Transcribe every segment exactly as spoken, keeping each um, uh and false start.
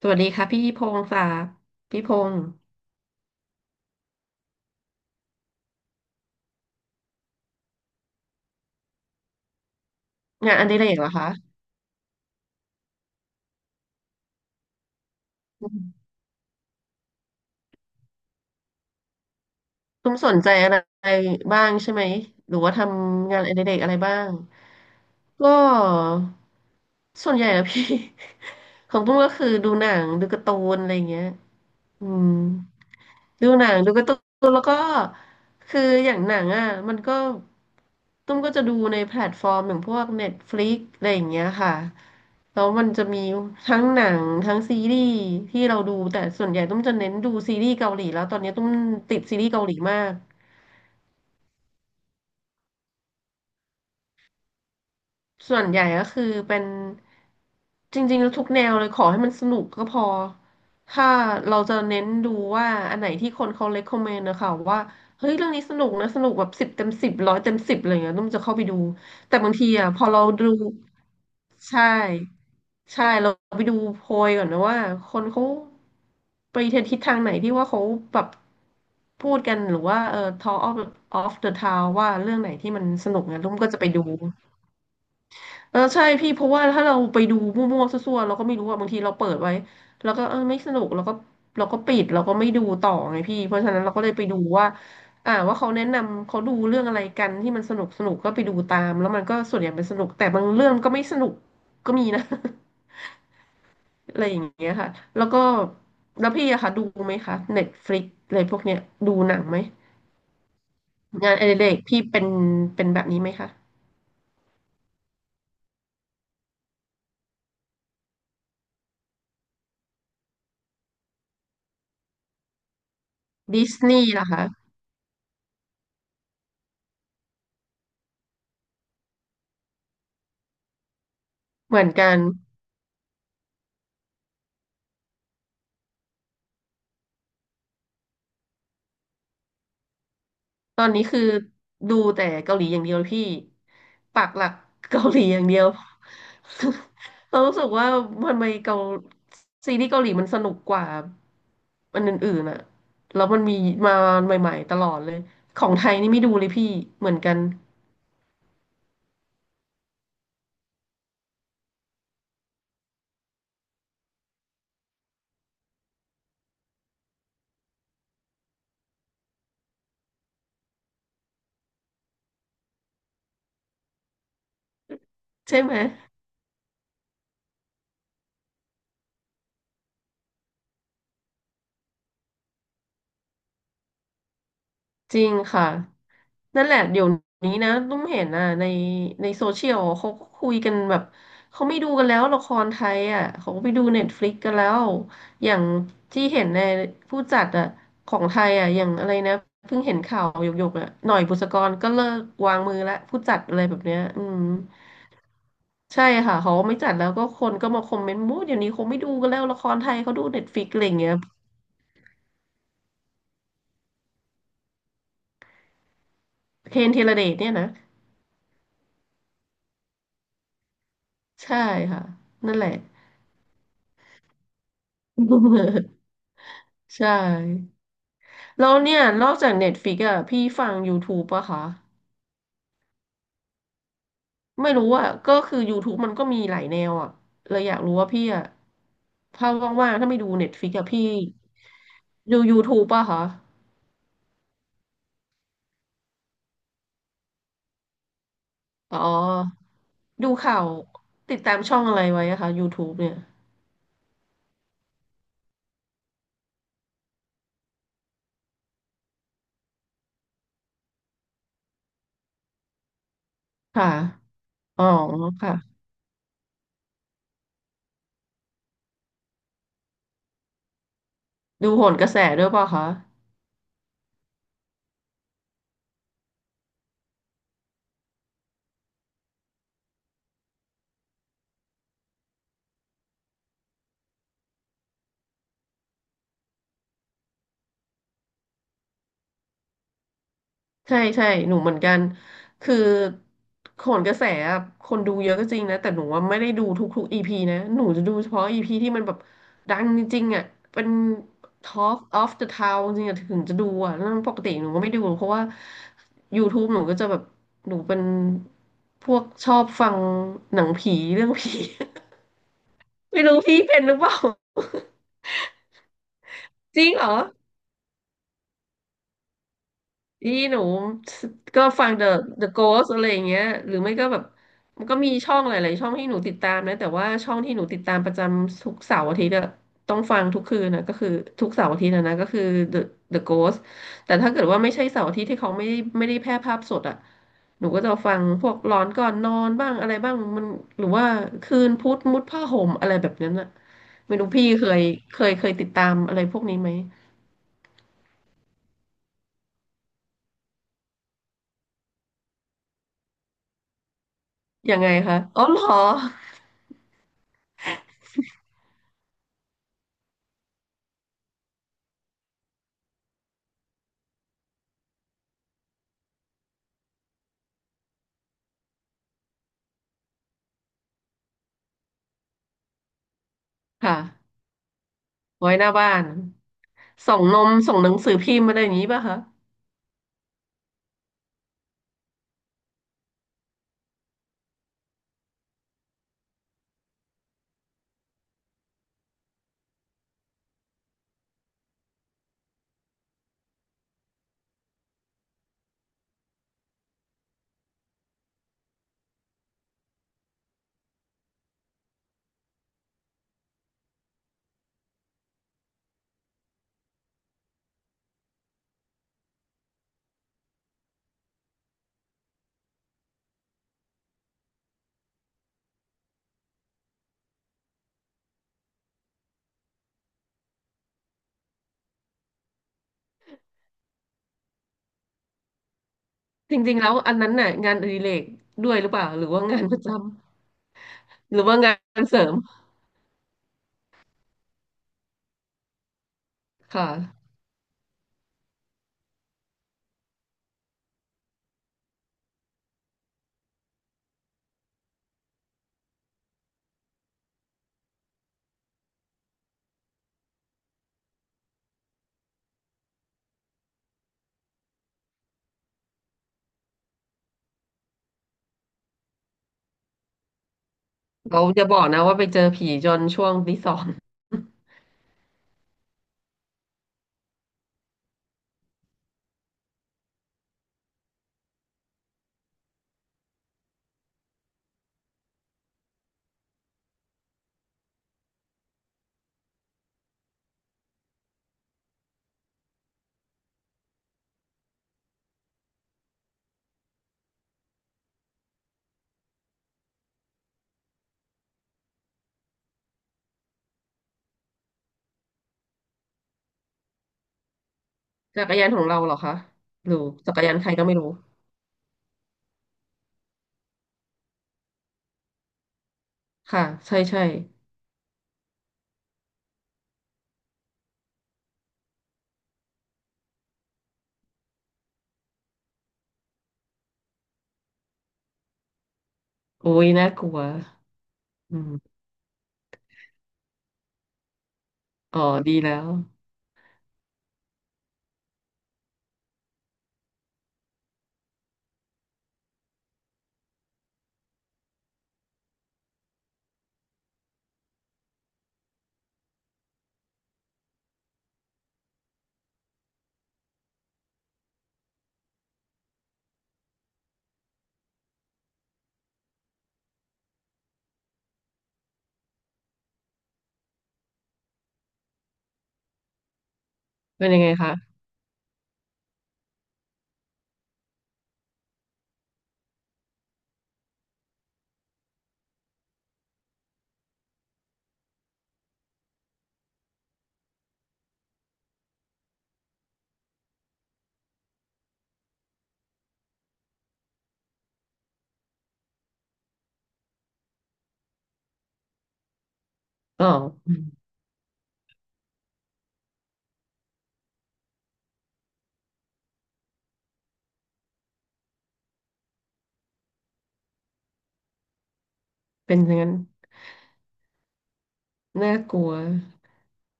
สวัสดีค่ะพี่พงศ์ค่ะพี่พงศ์งานอดิเรกเหรอคะอืมตุ้มสนใจอะไรบ้างใช่ไหมหรือว่าทำงานอดิเรกอะไรบ้างก็ส่วนใหญ่อะพี่ ของตุ้มก็คือดูหนังดูการ์ตูนอะไรอย่างเงี้ยอืม ดูหนังดูการ์ตูนแล้วก็คืออย่างหนังอ่ะมันก็ตุ้มก็จะดูในแพลตฟอร์มอย่างพวก Netflix อะไรอย่างเงี้ยค่ะแล้วมันจะมีทั้งหนังทั้งซีรีส์ที่เราดูแต่ส่วนใหญ่ตุ้มจะเน้นดูซีรีส์เกาหลีแล้วตอนนี้ตุ้มติดซีรีส์เกาหลีมาก ส่วนใหญ่ก็คือเป็นจริงๆแล้วทุกแนวเลยขอให้มันสนุกก็พอถ้าเราจะเน้นดูว่าอันไหนที่คนเขา recommend นะคะว่าเฮ้ยเรื่องนี้สนุกนะสนุกแบบสิบเต็มสิบร้อยเต็มสิบอะไรเงี้ยนุ่มจะเข้าไปดูแต่บางทีอ่ะพอเราดูใช่ใช่เราไปดูโพยก่อนนะว่าคนเขาไปทิศทางไหนที่ว่าเขาแบบพูดกันหรือว่าเออ talk of of the town ว่าเรื่องไหนที่มันสนุกเนี่ยนุ่มก็จะไปดู เออใช่พี่เพราะว่าถ้าเราไปดูมั่วๆซั่วๆเราก็ไม่รู้ว่าบางทีเราเปิดไว้แล้วก็เออไม่สนุกเราก็เราก็ปิดเราก็ไม่ดูต่อไงพี่เพราะฉะนั้นเราก็เลยไปดูว่าอ่าว่าเขาแนะนำเขาดูเรื่องอะไรกันที่มันสนุกสนุกก็ไปดูตามแล้วมันก็ส่วนใหญ่เป็นสนุกแต่บางเรื่องก็ไม่สนุกก็มีนะ อะไรอย่างเงี้ยค่ะแล้วก็แล้วพี่อะค่ะดูไหมคะเน็ตฟลิกอะไรพวกเนี้ยดูหนังไหมงานอดิเรกพี่เป็นเป็นแบบนี้ไหมคะดิสนีย์ล่ะคะเหมือนกัน ตอนนี้คือดูแต่เกาหลีอย่างเดียวพี่ปักหลักเกาหลีอย่างเดียว เรารู้สึกว่าทำไมเกาซีรีส์เกาหลีมันสนุกกว่าอันอื่นๆอะแล้วมันมีมาใหม่ๆตลอดเลย ของไทยนี่ไม่ดูเลยพี่เหมือนกันใช่ไหม จริงค่ะนั่นแหละเดี๋ยวนี้นะตุ้มเห็นอ่ะในในโซเชียลเขาก็คุยกันแบบเขาไม่ดูกันแล้วละครไทยอ่ะเขาก็ไปดูเน็ตฟลิกกันแล้วอย่างที่เห็นในผู้จัดอ่ะของไทยอ่ะอย่างอะไรนะเพิ่งเห็นข่าวหยกๆอ่ะหน่อยบุษกรก็เลิกวางมือละผู้จัดอะไรแบบเนี้ยอืมใช่ค่ะเขาไม่จัดแล้วก็คนก็มาคอมเมนต์มู้เดี๋ยวนี้คงไม่ดูกันแล้วละครไทยเขาดูเน็ตฟลิกอะไรอย่างเงี้ยเคนธีรเดชเนี่ยนะใช่ค่ะนั่นแหละ ใช่แล้วเนี่ยนอกจาก Netflix อ่ะพี่ฟัง YouTube ปะคะไม่รู้อ่ะก็คือ YouTube มันก็มีหลายแนวอ่ะเลยอยากรู้ว่าพี่อ่ะถ้าว่างๆถ้าไม่ดู Netflix อ่ะพี่ดู YouTube ปะคะอ๋อดูข่าวติดตามช่องอะไรไว้อะคะ YouTube เนี่ยค่ะอ๋อค่ะดูโหนกระแสด้วยปะคะ ใช่ใช่หนูเหมือนกันคือโขนกระแสอะคนดูเยอะก็จริงนะแต่หนูว่าไม่ได้ดูทุกๆอีพีนะหนูจะดูเฉพาะอีพีที่มันแบบดังจริงๆอ่ะเป็น Talk of the Town จริงๆอะถึงจะดูอ่ะแล้วปกติหนูก็ไม่ดูเพราะว่า YouTube หนูก็จะแบบหนูเป็นพวกชอบฟังหนังผีเรื่องผี ไม่รู้พี่เป็นหรือเปล่า จริงเหรอ อีหนูก็ฟัง The The Ghost อะไรอย่างเงี้ยหรือไม่ก็แบบมันก็มีช่องหลายๆช่องให้หนูติดตามนะแต่ว่าช่องที่หนูติดตามประจำทุกเสาร์อาทิตย์อะต้องฟังทุกคืนนะก็คือทุกเสาร์อาทิตย์นะนะก็คือ The The Ghost แต่ถ้าเกิดว่าไม่ใช่เสาร์อาทิตย์ที่เขาไม่ได้ไม่ได้แพร่ภาพสดอะหนูก็จะฟังพวกหลอนก่อนนอนบ้างอะไรบ้างมันหรือว่าคืนพุธมุดผ้าห่มอะไรแบบนั้นอะไม่รู้พี่เคยเคยเคยติดตามอะไรพวกนี้ไหมยังไงคะอ๋อเหรอค่ะ ไว้หน้าบ้านส่งนมส่งหนังสือพิมพ์อะไรอย่างนี้ป่ะคะจริงๆแล้วอันนั้นน่ะงานอดิเรกด้วยหรือเปล่าหรือว่างานประจำหรือว่างานเสริมค่ะเราจะบอกนะว่าไปเจอผีจนช่วงตีสอง จักรยานของเราเหรอคะหรือจักรยานใครก็ไม่รู้ค่ะใช่ใช่โอ้ยน่ากลัวอืมอ๋อดีแล้วเป็นยังไงคะอ๋ออืมเป็นอย่างนั้นน่ากลัว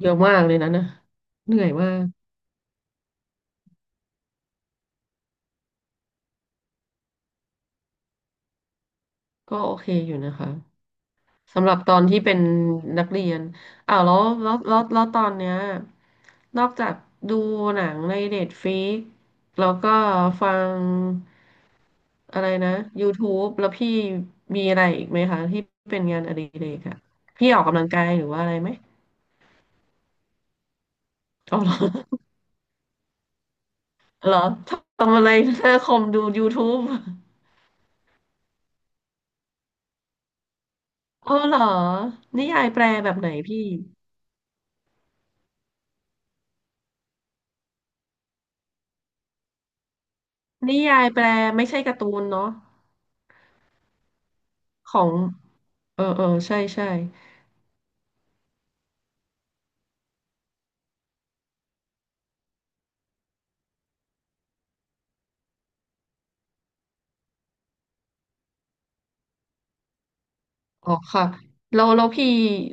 เยอะมากเลยนะนะเหนื่อยมากก็โอเคอยู่นะคะ สำหรับตอนที่เป็นนักเรียนอ้าวแล้วแล้วแล้วแล้วตอนเนี้ยนอกจากดูหนังในเน็ตฟ i ิกแล้วก็ฟังอะไรนะ YouTube แล้วพี่มีอะไรอีกไหมคะที่เป็นงานอดิเรกอะพี่ออกกำลังกายหรือว่าอะไรไหมอ๋อเหรอเหรอทำอะไรหน้าคอมดูยูทูบอ๋อเหรอนิยายแปลแบบไหนพี่นิยายแปลไม่ใช่การ์ตูนเนาะของเออเออใช่ใช่ อ๋อค่ะเราเราพี่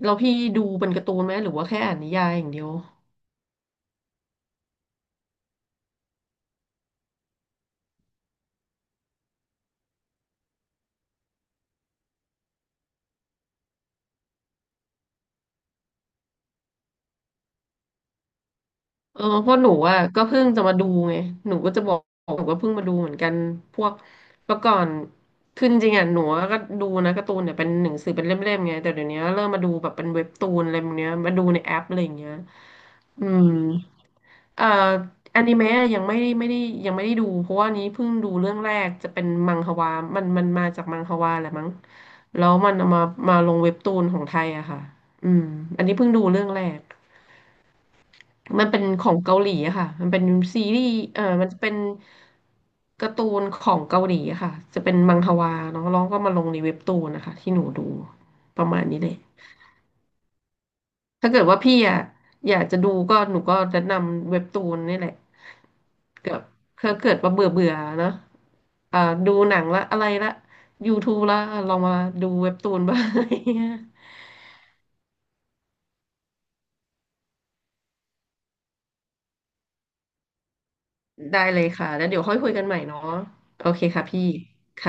เราพี่ดูเป็นการ์ตูนไหมหรือว่าแค่อ่านนิยายอย่างเดียวเออเพราะหนูอ่ะก็เพิ่งจะมาดูไงหนูก็จะบอกหนูก็เพิ่งมาดูเหมือนกันพวกเมื่อก่อนคือจริงๆอ่ะหนูก็ดูนะการ์ตูนเนี่ยเป็นหนังสือเป็นเล่มๆไงแต่เดี๋ยวนี้เริ่มมาดูแบบเป็นเว็บตูนอะไรแบบเนี้ยมาดูในแอปอะไรอย่างเงี้ยอืม เอ่ออนิเมะอะยังไม่ได้ไม่ได้ยังไม่ได้ดูเพราะว่านี้เพิ่งดูเรื่องแรกจะเป็นมังฮวามันมันมาจากมังฮวาแหละมั้งแล้วมันเอามามาลงเว็บตูนของไทยอะค่ะอืมอันนี้เพิ่งดูเรื่องแรกมันเป็นของเกาหลีอะค่ะมันเป็นซีรีส์เออมันจะเป็นการ์ตูนของเกาหลีอะค่ะจะเป็นมังฮวาเนาะแล้วก็มาลงในเว็บตูนนะคะที่หนูดูประมาณนี้เลยถ้าเกิดว่าพี่อะอยากจะดูก็หนูก็แนะนำเว็บตูนนี่แหละ เกิดเขาเกิดว่าเบื่อเบื่อเนอะอ่าดูหนังละอะไรละ YouTube ละลองมาดูเว็บตูนบ้าง ได้เลยค่ะ แล้วเดี๋ยวค่อยคุยกันใหม่เนาะโอเคค่ะพี่ค่ะ